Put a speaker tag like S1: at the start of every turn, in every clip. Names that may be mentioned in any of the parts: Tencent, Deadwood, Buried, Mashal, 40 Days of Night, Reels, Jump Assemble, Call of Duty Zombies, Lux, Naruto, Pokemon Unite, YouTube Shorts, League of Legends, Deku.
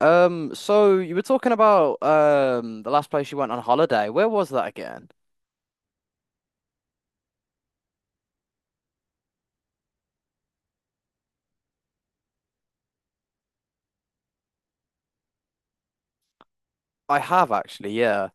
S1: So you were talking about the last place you went on holiday. Where was that again? I have actually, yeah.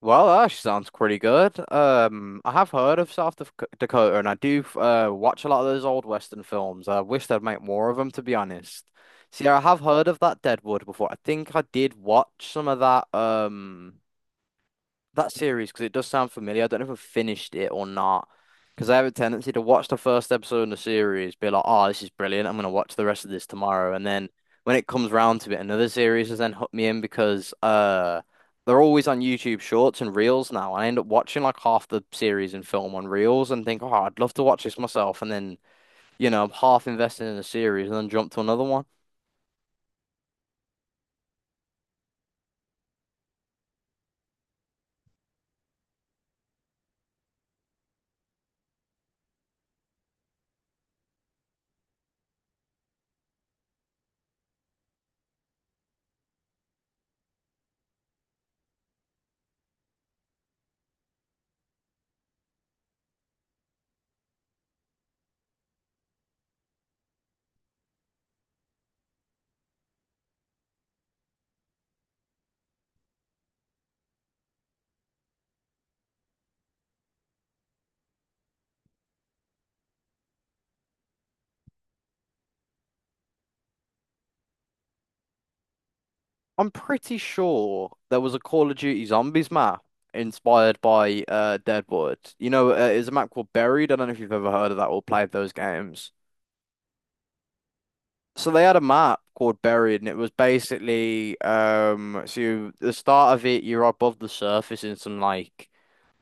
S1: Well, that actually sounds pretty good. I have heard of South Dak- Dakota, and I do watch a lot of those old Western films. I wish they'd make more of them, to be honest. See, I have heard of that Deadwood before. I think I did watch some of that. That series because it does sound familiar. I don't know if I've finished it or not. Because I have a tendency to watch the first episode in the series, be like, oh, this is brilliant. I'm going to watch the rest of this tomorrow. And then when it comes round to it, another series has then hooked me in because they're always on YouTube Shorts and Reels now. I end up watching like half the series and film on Reels and think, oh, I'd love to watch this myself. And then, you know, I'm half invested in a series and then jump to another one. I'm pretty sure there was a Call of Duty Zombies map inspired by Deadwood. You know, it's a map called Buried. I don't know if you've ever heard of that or played those games. So they had a map called Buried, and it was basically so you, the start of it, you're above the surface in some like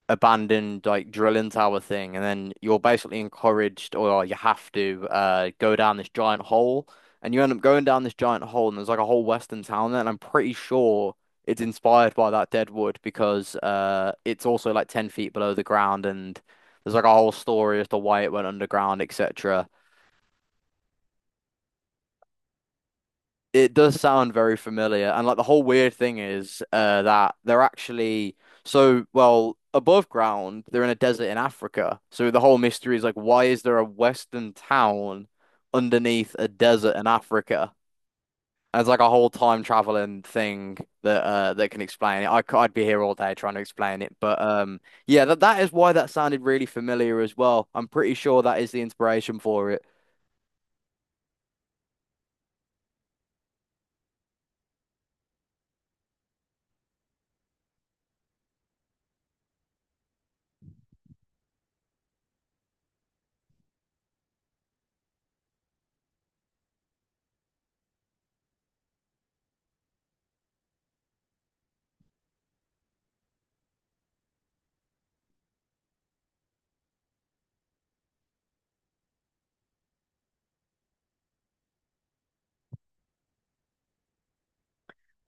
S1: abandoned like drilling tower thing, and then you're basically encouraged or like, you have to go down this giant hole, and you end up going down this giant hole, and there's like a whole western town there, and I'm pretty sure it's inspired by that Deadwood because it's also like 10 feet below the ground, and there's like a whole story as to why it went underground, etc. It does sound very familiar. And like the whole weird thing is that they're actually so well above ground, they're in a desert in Africa. So the whole mystery is like, why is there a Western town underneath a desert in Africa? And it's like a whole time traveling thing that can explain it. I'd be here all day trying to explain it. But yeah, that is why that sounded really familiar as well. I'm pretty sure that is the inspiration for it.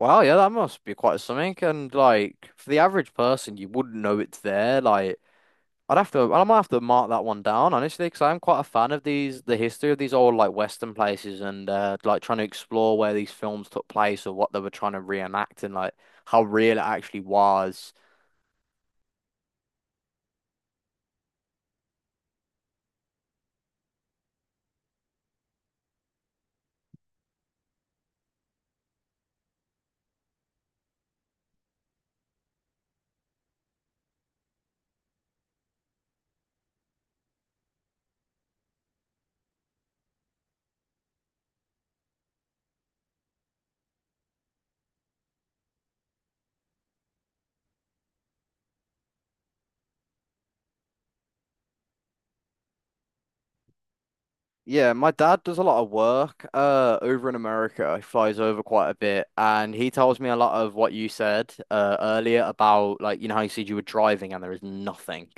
S1: Wow, yeah, that must be quite something. And like for the average person, you wouldn't know it's there. Like I might have to mark that one down honestly, because I'm quite a fan of these, the history of these old like Western places, and like trying to explore where these films took place or what they were trying to reenact and like how real it actually was. Yeah, my dad does a lot of work over in America. He flies over quite a bit, and he tells me a lot of what you said earlier about like you know how you said you were driving and there is nothing.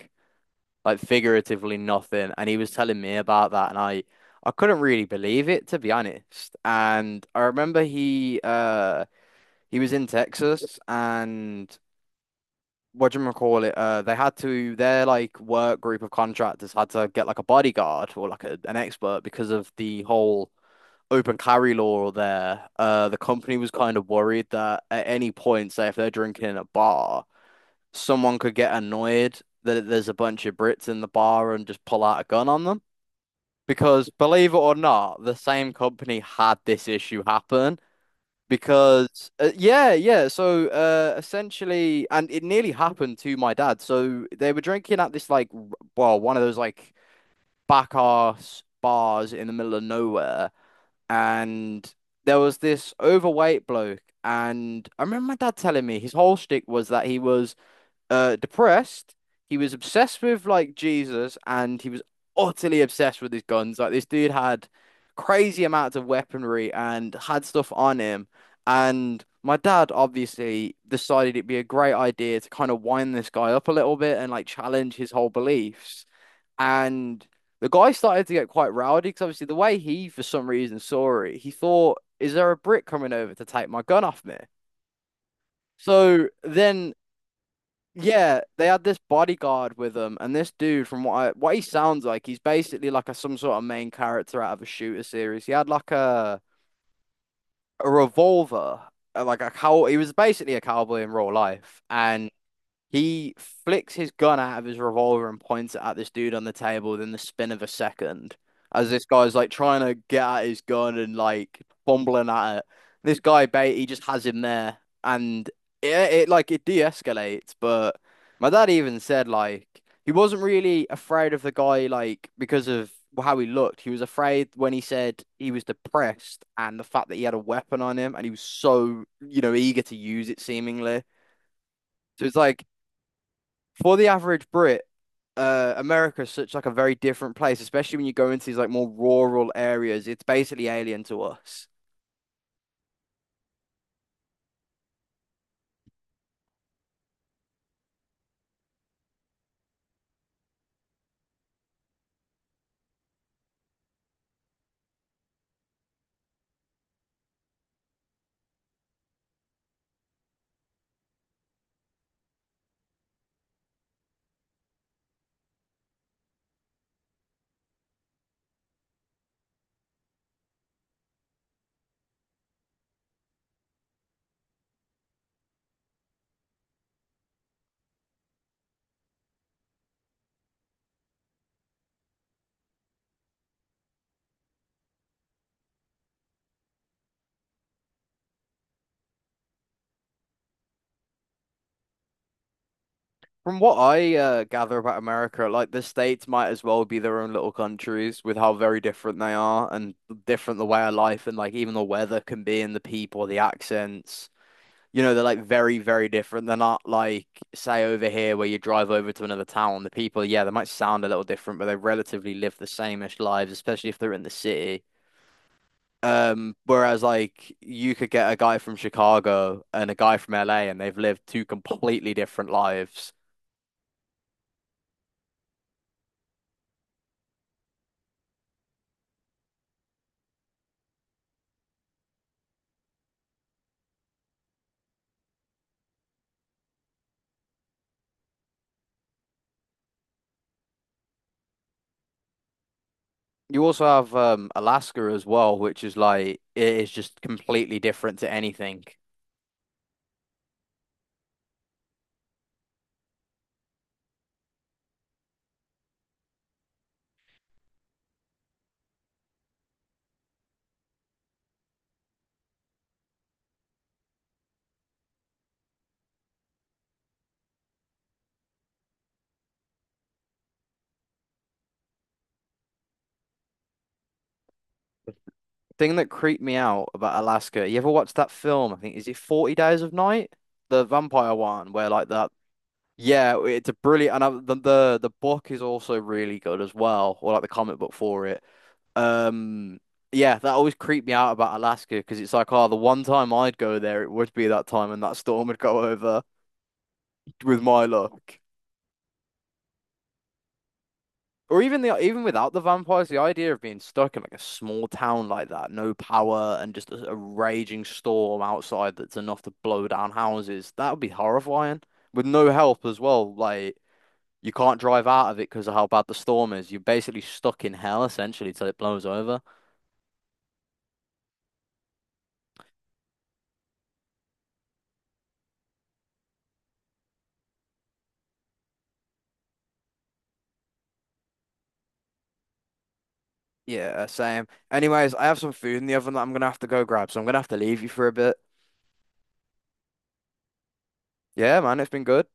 S1: Like figuratively nothing. And he was telling me about that, and I couldn't really believe it to be honest. And I remember he was in Texas, and what do you call it? They had to their like work group of contractors had to get like a bodyguard or like an expert because of the whole. Open carry law there. The company was kind of worried that at any point, say if they're drinking in a bar, someone could get annoyed that there's a bunch of Brits in the bar and just pull out a gun on them. Because believe it or not, the same company had this issue happen. Because yeah, yeah. So essentially, and it nearly happened to my dad. So they were drinking at this like, well, one of those like back arse bars in the middle of nowhere, and there was this overweight bloke. And I remember my dad telling me his whole shtick was that he was depressed. He was obsessed with like Jesus and he was utterly obsessed with his guns. Like this dude had crazy amounts of weaponry and had stuff on him. And my dad obviously decided it'd be a great idea to kind of wind this guy up a little bit and like challenge his whole beliefs. And the guy started to get quite rowdy because obviously the way he, for some reason, saw it, he thought, "Is there a brick coming over to take my gun off me?" So then yeah, they had this bodyguard with them, and this dude, from what I, what he sounds like, he's basically like a some sort of main character out of a shooter series. He had like a revolver, like a cow. He was basically a cowboy in real life, and he flicks his gun out of his revolver and points it at this dude on the table within the spin of a second. As this guy's like trying to get at his gun and like fumbling at it. This guy bait he just has him there and it, it like it de-escalates, but my dad even said like he wasn't really afraid of the guy like because of how he looked. He was afraid when he said he was depressed and the fact that he had a weapon on him and he was so, you know, eager to use it seemingly. So it's like for the average Brit, America is such like a very different place, especially when you go into these like more rural areas. It's basically alien to us. From what I gather about America, like the states might as well be their own little countries with how very different they are and different the way of life and like even the weather can be and the people, the accents. You know, they're like very, very different. They're not like, say, over here where you drive over to another town. The people, yeah, they might sound a little different, but they relatively live the same-ish lives, especially if they're in the city. Whereas like you could get a guy from Chicago and a guy from LA and they've lived two completely different lives. You also have Alaska as well, which is like it is just completely different to anything. Thing that creeped me out about Alaska, you ever watched that film? I think is it 40 Days of Night? The vampire one where like the Yeah, it's a brilliant, and I, the book is also really good as well, or like the comic book for it. Um, yeah, that always creeped me out about Alaska because it's like, oh, the one time I'd go there, it would be that time, and that storm would go over with my luck. Or even the even without the vampires, the idea of being stuck in like a small town like that, no power, and just a raging storm outside that's enough to blow down houses, that would be horrifying. With no help as well, like. You can't drive out of it because of how bad the storm is. You're basically stuck in hell essentially till it blows over. Yeah, same. Anyways, I have some food in the oven that I'm gonna have to go grab, so I'm gonna have to leave you for a bit. Yeah, man, it's been good.